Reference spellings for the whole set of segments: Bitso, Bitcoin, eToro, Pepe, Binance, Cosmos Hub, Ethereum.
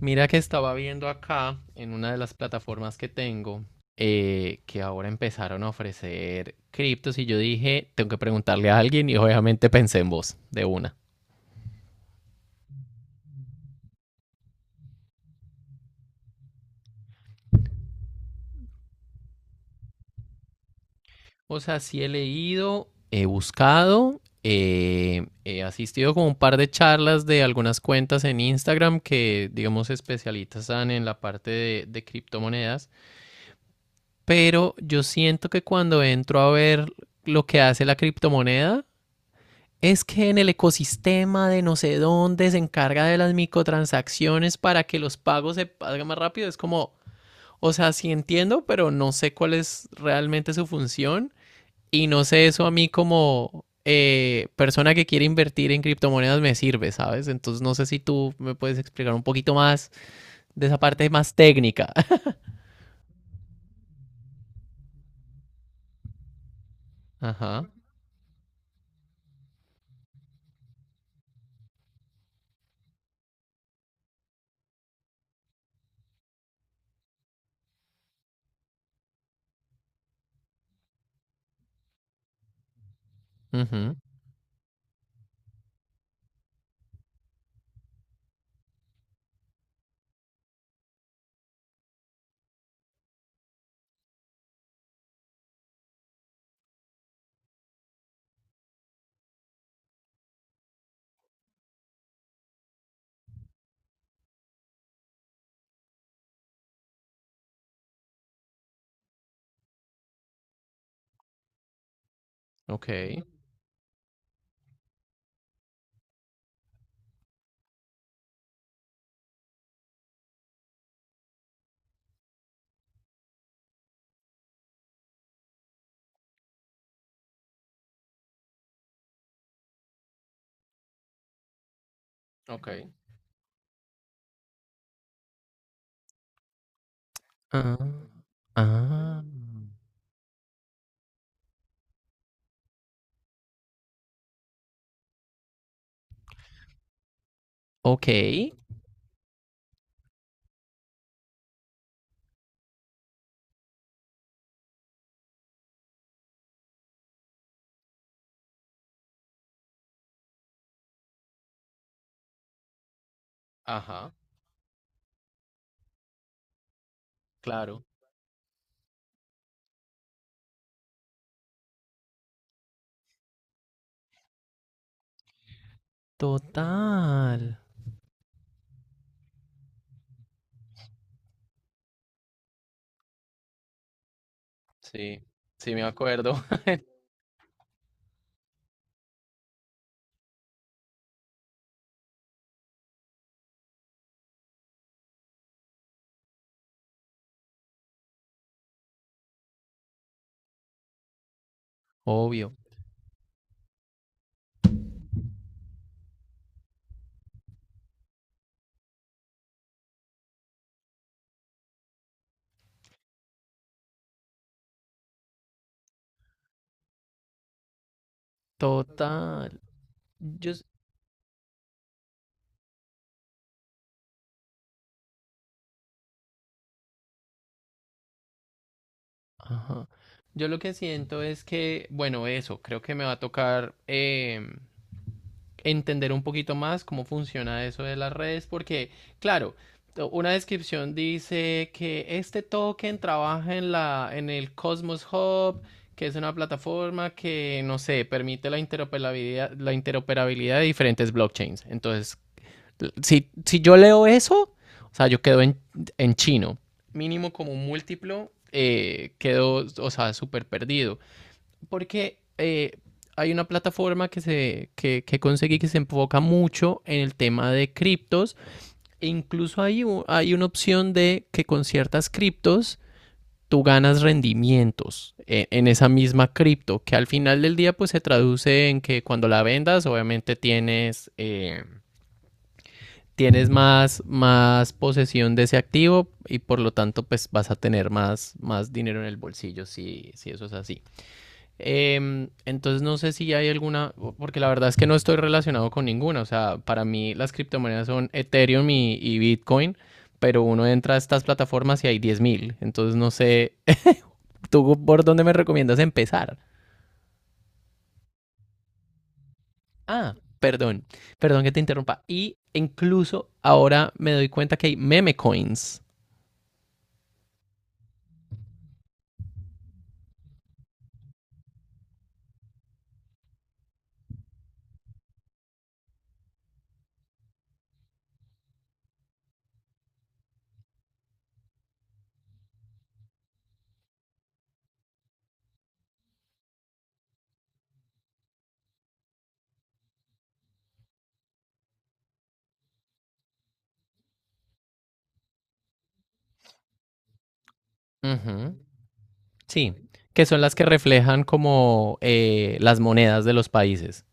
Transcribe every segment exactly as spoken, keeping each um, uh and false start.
Mira que estaba viendo acá en una de las plataformas que tengo eh, que ahora empezaron a ofrecer criptos y yo dije, tengo que preguntarle a alguien y obviamente pensé en vos de una. O sea, sí he leído, he buscado, eh, he asistido como un par de charlas de algunas cuentas en Instagram que, digamos, se especializan en la parte de, de criptomonedas, pero yo siento que cuando entro a ver lo que hace la criptomoneda, es que en el ecosistema de no sé dónde se encarga de las microtransacciones para que los pagos se paguen más rápido. Es como, o sea, sí entiendo, pero no sé cuál es realmente su función. Y no sé, eso a mí como eh, persona que quiere invertir en criptomonedas me sirve, ¿sabes? Entonces no sé si tú me puedes explicar un poquito más de esa parte más técnica. Ajá. Ujú. Ok. Ok. Ah, ah. Ok. Ajá. Claro. Total. Sí, sí me acuerdo. Obvio. Total. Yo, s- ajá. Yo lo que siento es que, bueno, eso, creo que me va a tocar em, entender un poquito más cómo funciona eso de las redes, porque, claro, to- una descripción dice que este token trabaja en la, en el Cosmos Hub, que es una plataforma que, no sé, permite la interoperabilidad, la interoperabilidad de diferentes blockchains. Entonces, si, si yo leo eso, o sea, yo quedo en, en chino. Mínimo como un múltiplo, eh, quedo, o sea, súper perdido. Porque eh, hay una plataforma que, se, que, que conseguí que se enfoca mucho en el tema de criptos. E incluso hay, u- hay una opción de que con ciertas criptos tú ganas rendimientos eh, en esa misma cripto, que al final del día pues se traduce en que cuando la vendas obviamente tienes... eh, tienes más, más posesión de ese activo y por lo tanto pues vas a tener más, más dinero en el bolsillo si, si eso es así. Eh, entonces no sé si hay alguna, porque la verdad es que no estoy relacionado con ninguna, o sea, para mí las criptomonedas son Ethereum y, y Bitcoin, pero uno entra a estas plataformas y hay diez mil entonces no sé, ¿tú por dónde me recomiendas empezar? Ah, perdón, perdón que te interrumpa. Y incluso ahora me doy cuenta que hay meme coins. Uh -huh. Sí, que son las que reflejan como eh, las monedas de los países.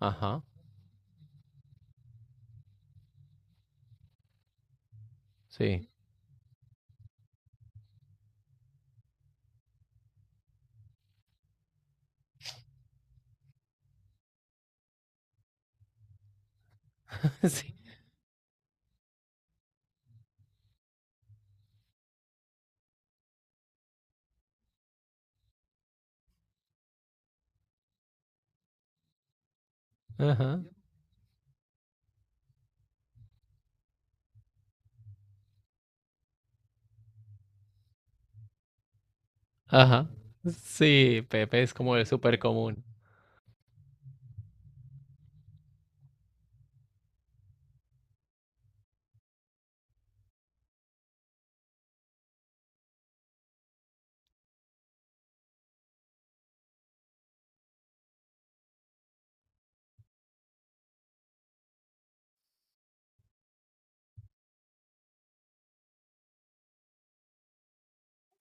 Ajá, sí. Sí, ajá, ajá. Sí, Pepe es como el súper común.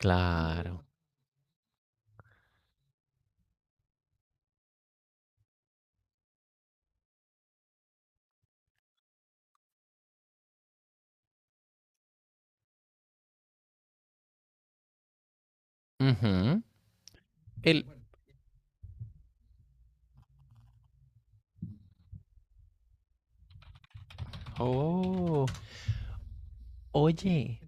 Claro. Ujú. El... Oh, oye,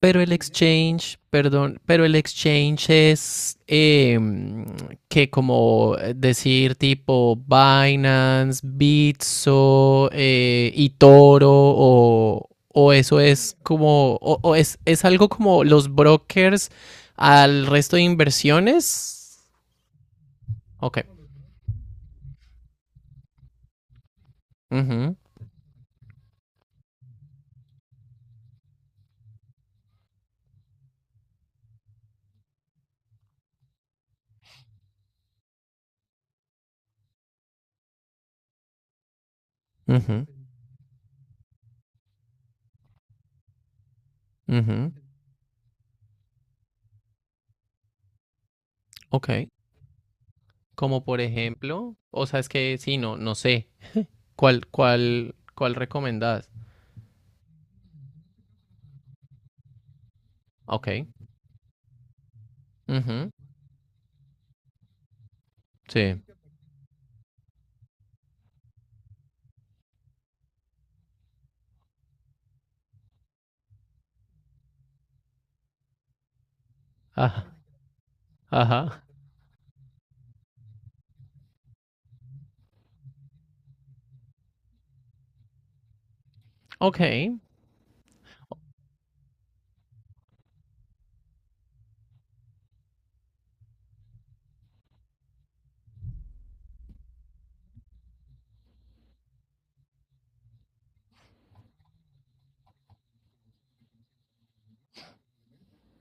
pero el exchange, perdón, pero el exchange es em, que como decir tipo Binance, Bitso, eh, eToro o, o eso es como, o, o es, es algo como los brokers al resto de inversiones. Ok. Ujú, ujú, ujú. Ok. Como por ejemplo, o sea, es que sí, no, no sé. ¿Cuál, cuál, cuál recomendás? Ok. Ujú. Sí. Ajá. Ajá. Ok.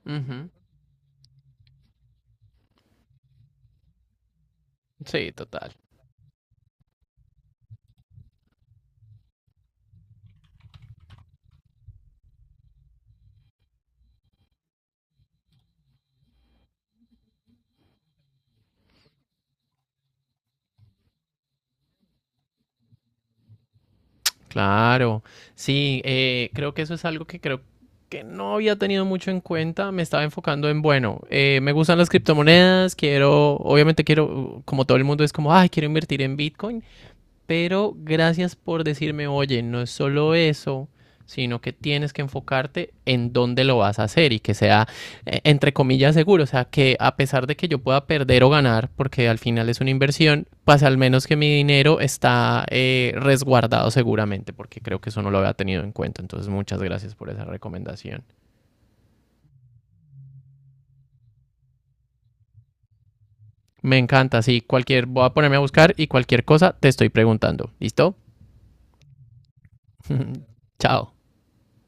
Ujú. Sí, total. Claro. Sí, eh, creo que eso es algo que creo que no había tenido mucho en cuenta. Me estaba enfocando en, bueno, eh, me gustan las criptomonedas, quiero, obviamente quiero, como todo el mundo es como, ay, quiero invertir en Bitcoin. Pero gracias por decirme, oye, no es solo eso, sino que tienes que enfocarte en dónde lo vas a hacer y que sea, eh, entre comillas, seguro. O sea, que a pesar de que yo pueda perder o ganar, porque al final es una inversión, pues al menos que mi dinero está eh, resguardado seguramente, porque creo que eso no lo había tenido en cuenta. Entonces, muchas gracias por esa recomendación. Me encanta, sí, cualquier, voy a ponerme a buscar y cualquier cosa te estoy preguntando. ¿Listo? Chao.